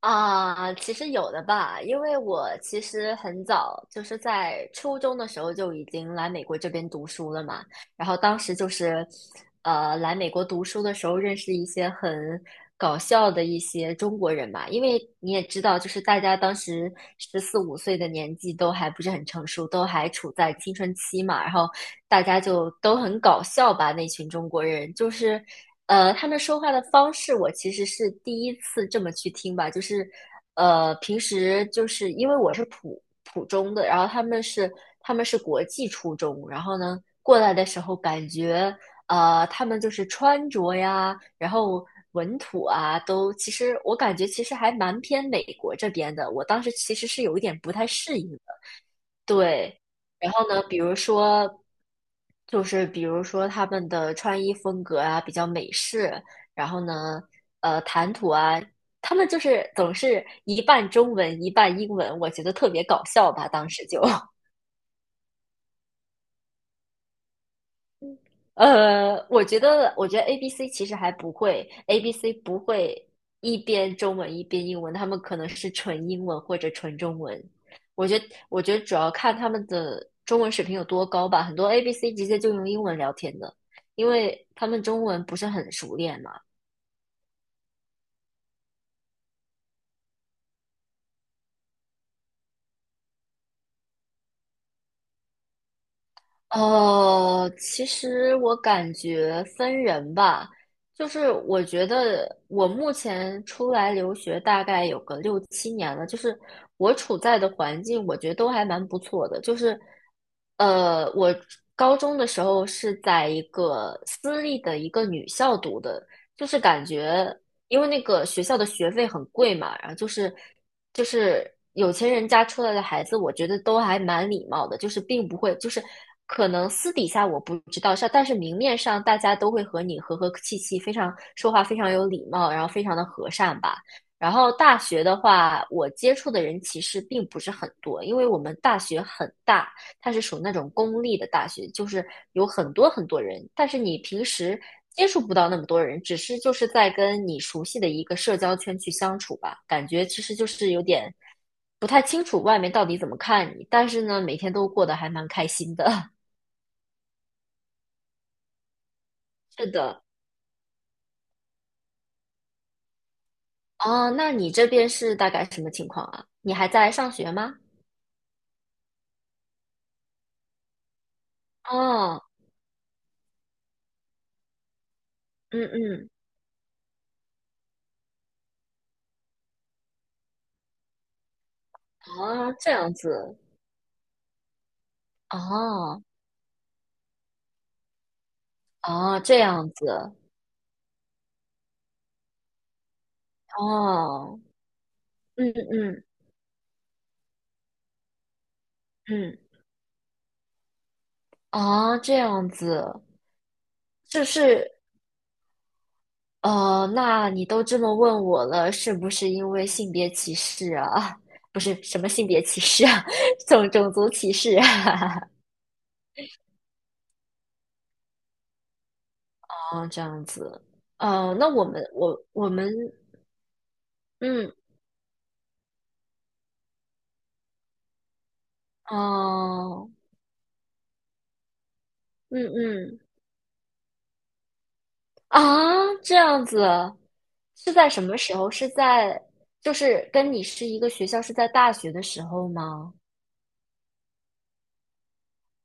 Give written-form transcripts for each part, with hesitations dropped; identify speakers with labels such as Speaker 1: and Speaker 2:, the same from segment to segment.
Speaker 1: 啊，其实有的吧，因为我其实很早就是在初中的时候就已经来美国这边读书了嘛，然后当时就是，来美国读书的时候认识一些很搞笑的一些中国人吧，因为你也知道，就是大家当时十四五岁的年纪都还不是很成熟，都还处在青春期嘛，然后大家就都很搞笑吧，那群中国人就是。他们说话的方式我其实是第一次这么去听吧，就是平时就是因为我是普普中的，然后他们是国际初中，然后呢过来的时候感觉他们就是穿着呀，然后文土啊，都其实我感觉其实还蛮偏美国这边的，我当时其实是有一点不太适应。对，然后呢，比如说，就是比如说他们的穿衣风格啊，比较美式，然后呢，谈吐啊，他们就是总是一半中文一半英文，我觉得特别搞笑吧，当时就。我觉得 A B C 其实还不会，ABC 不会一边中文一边英文，他们可能是纯英文或者纯中文。我觉得主要看他们的中文水平有多高吧。很多 A B C 直接就用英文聊天的，因为他们中文不是很熟练，嘛。其实我感觉分人吧，就是我觉得我目前出来留学大概有个六七年了，就是我处在的环境，我觉得都还蛮不错的。就是，我高中的时候是在一个私立的一个女校读的，就是感觉因为那个学校的学费很贵嘛，然后就是有钱人家出来的孩子，我觉得都还蛮礼貌的，就是并不会，就是可能私底下我不知道，但是明面上大家都会和你和气气，非常说话非常有礼貌，然后非常的和善吧。然后大学的话，我接触的人其实并不是很多，因为我们大学很大，它是属那种公立的大学，就是有很多很多人，但是你平时接触不到那么多人，只是就是在跟你熟悉的一个社交圈去相处吧，感觉其实就是有点不太清楚外面到底怎么看你，但是呢，每天都过得还蛮开心的。是的。哦，那你这边是大概什么情况啊？你还在上学吗？哦。嗯嗯。哦，这样子。哦哦，这样子。哦。嗯嗯嗯。啊，这样子。就是？那你都这么问我了，是不是因为性别歧视啊？啊不是什么性别歧视啊，种种族歧视啊。哦，这样子。呃，那我们，嗯。哦。嗯嗯。啊，这样子。是在什么时候？是在就是跟你是一个学校，是在大学的时候吗？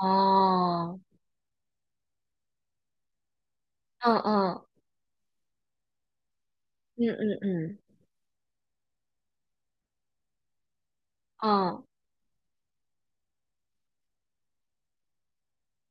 Speaker 1: 哦。嗯嗯嗯嗯嗯。嗯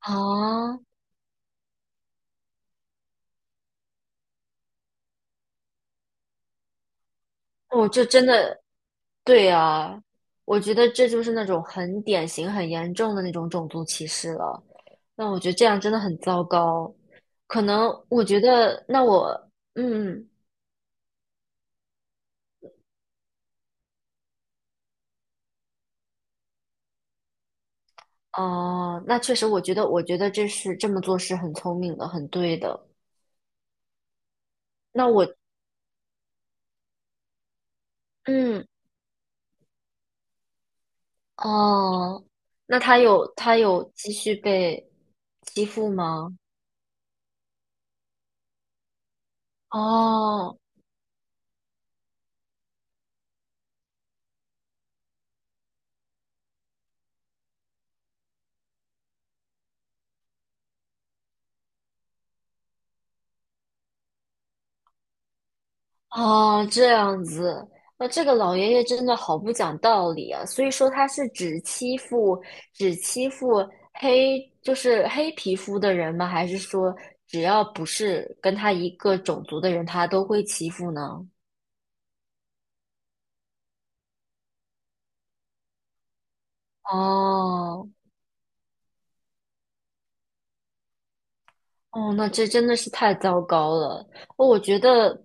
Speaker 1: 啊，我就真的，对啊，我觉得这就是那种很典型、很严重的那种种族歧视了。那我觉得这样真的很糟糕。可能我觉得，那我，嗯。哦、那确实，我觉得，我觉得这是这么做是很聪明的，很对的。那我，嗯。哦，那他有他有继续被欺负吗？哦。哦，这样子。那这个老爷爷真的好不讲道理啊！所以说他是只欺负黑，就是黑皮肤的人吗？还是说只要不是跟他一个种族的人，他都会欺负呢？哦。哦，那这真的是太糟糕了。哦我觉得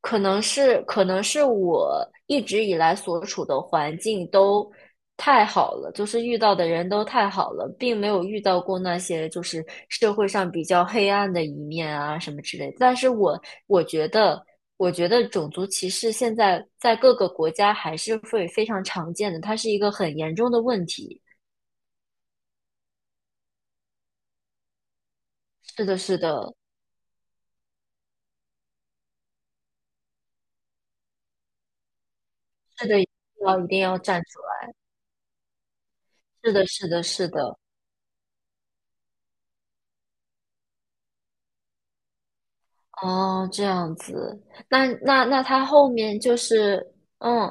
Speaker 1: 可能是我一直以来所处的环境都太好了，就是遇到的人都太好了，并没有遇到过那些就是社会上比较黑暗的一面啊什么之类的。但是我我觉得，我觉得种族歧视现在在各个国家还是会非常常见的，它是一个很严重的问题。是的，是的，是的，一定要一定要站出来。是的，是的，是的。哦，这样子。那他后面就是，嗯。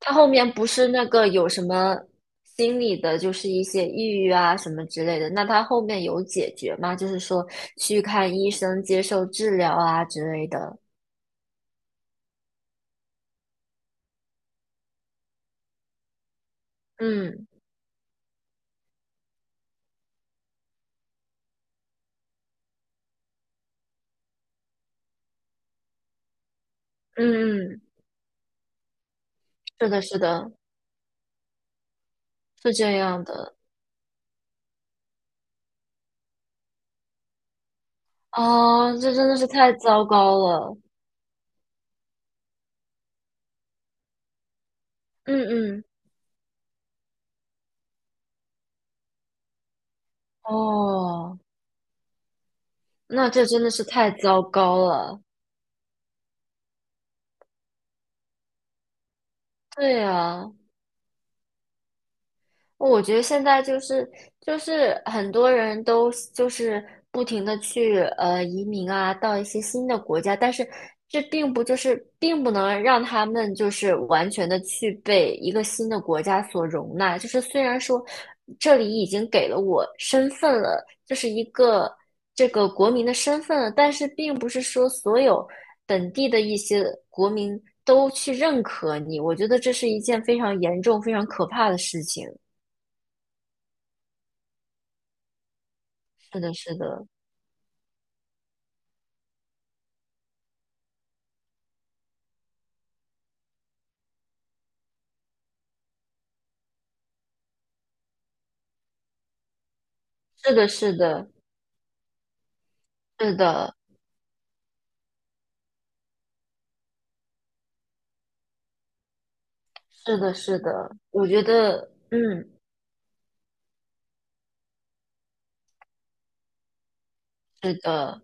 Speaker 1: 他后面不是那个有什么心理的，就是一些抑郁啊什么之类的，那他后面有解决吗？就是说去看医生、接受治疗啊之类的。嗯嗯嗯。是的，是的。是这样的。哦，这真的是太糟糕了。嗯嗯。哦，那这真的是太糟糕了。对呀、我觉得现在就是很多人都不停的去移民啊，到一些新的国家，但是这并不并不能让他们就是完全的去被一个新的国家所容纳。就是虽然说这里已经给了我身份了，就是一个这个国民的身份了，但是并不是说所有本地的一些国民都去认可你。我觉得这是一件非常严重、非常可怕的事情。是的，是的，是的，是的，是的，是的，是的，我觉得，嗯，是的。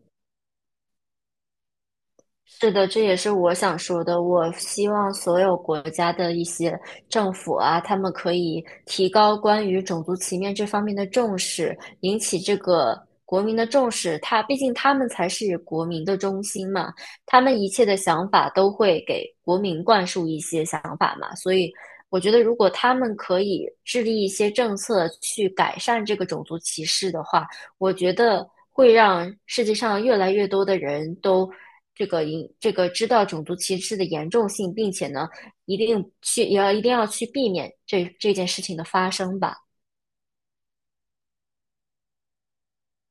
Speaker 1: 是的，这也是我想说的。我希望所有国家的一些政府啊，他们可以提高关于种族歧视这方面的重视，引起这个国民的重视。他毕竟他们才是国民的中心嘛，他们一切的想法都会给国民灌输一些想法嘛。所以，我觉得如果他们可以制定一些政策去改善这个种族歧视的话，我觉得会让世界上越来越多的人都这个这个知道种族歧视的严重性，并且呢，一定要去避免这件事情的发生吧。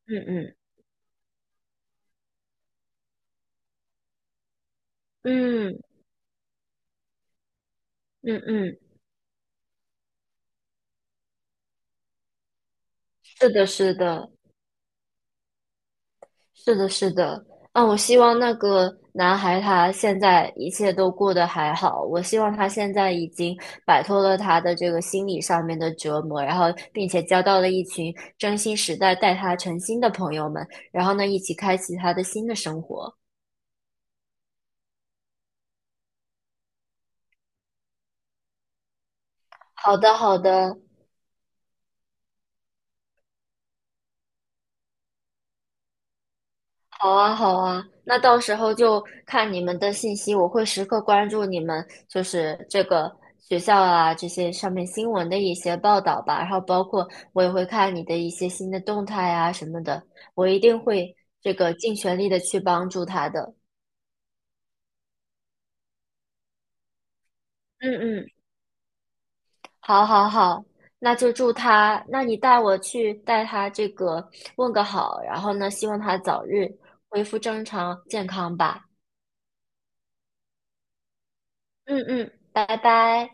Speaker 1: 嗯嗯嗯嗯嗯。是的，是的，是的，是的。啊，我希望那个男孩他现在一切都过得还好。我希望他现在已经摆脱了他的这个心理上面的折磨，然后并且交到了一群真心实在待他诚心的朋友们，然后呢，一起开启他的新的生活。好的，好的。好啊，好啊，那到时候就看你们的信息，我会时刻关注你们，就是这个学校啊，这些上面新闻的一些报道吧，然后包括我也会看你的一些新的动态啊什么的，我一定会尽全力的去帮助他的。嗯嗯。好，好，好，那就祝他，那你带我去带他这个问个好，然后呢，希望他早日恢复正常健康吧。嗯嗯，拜拜。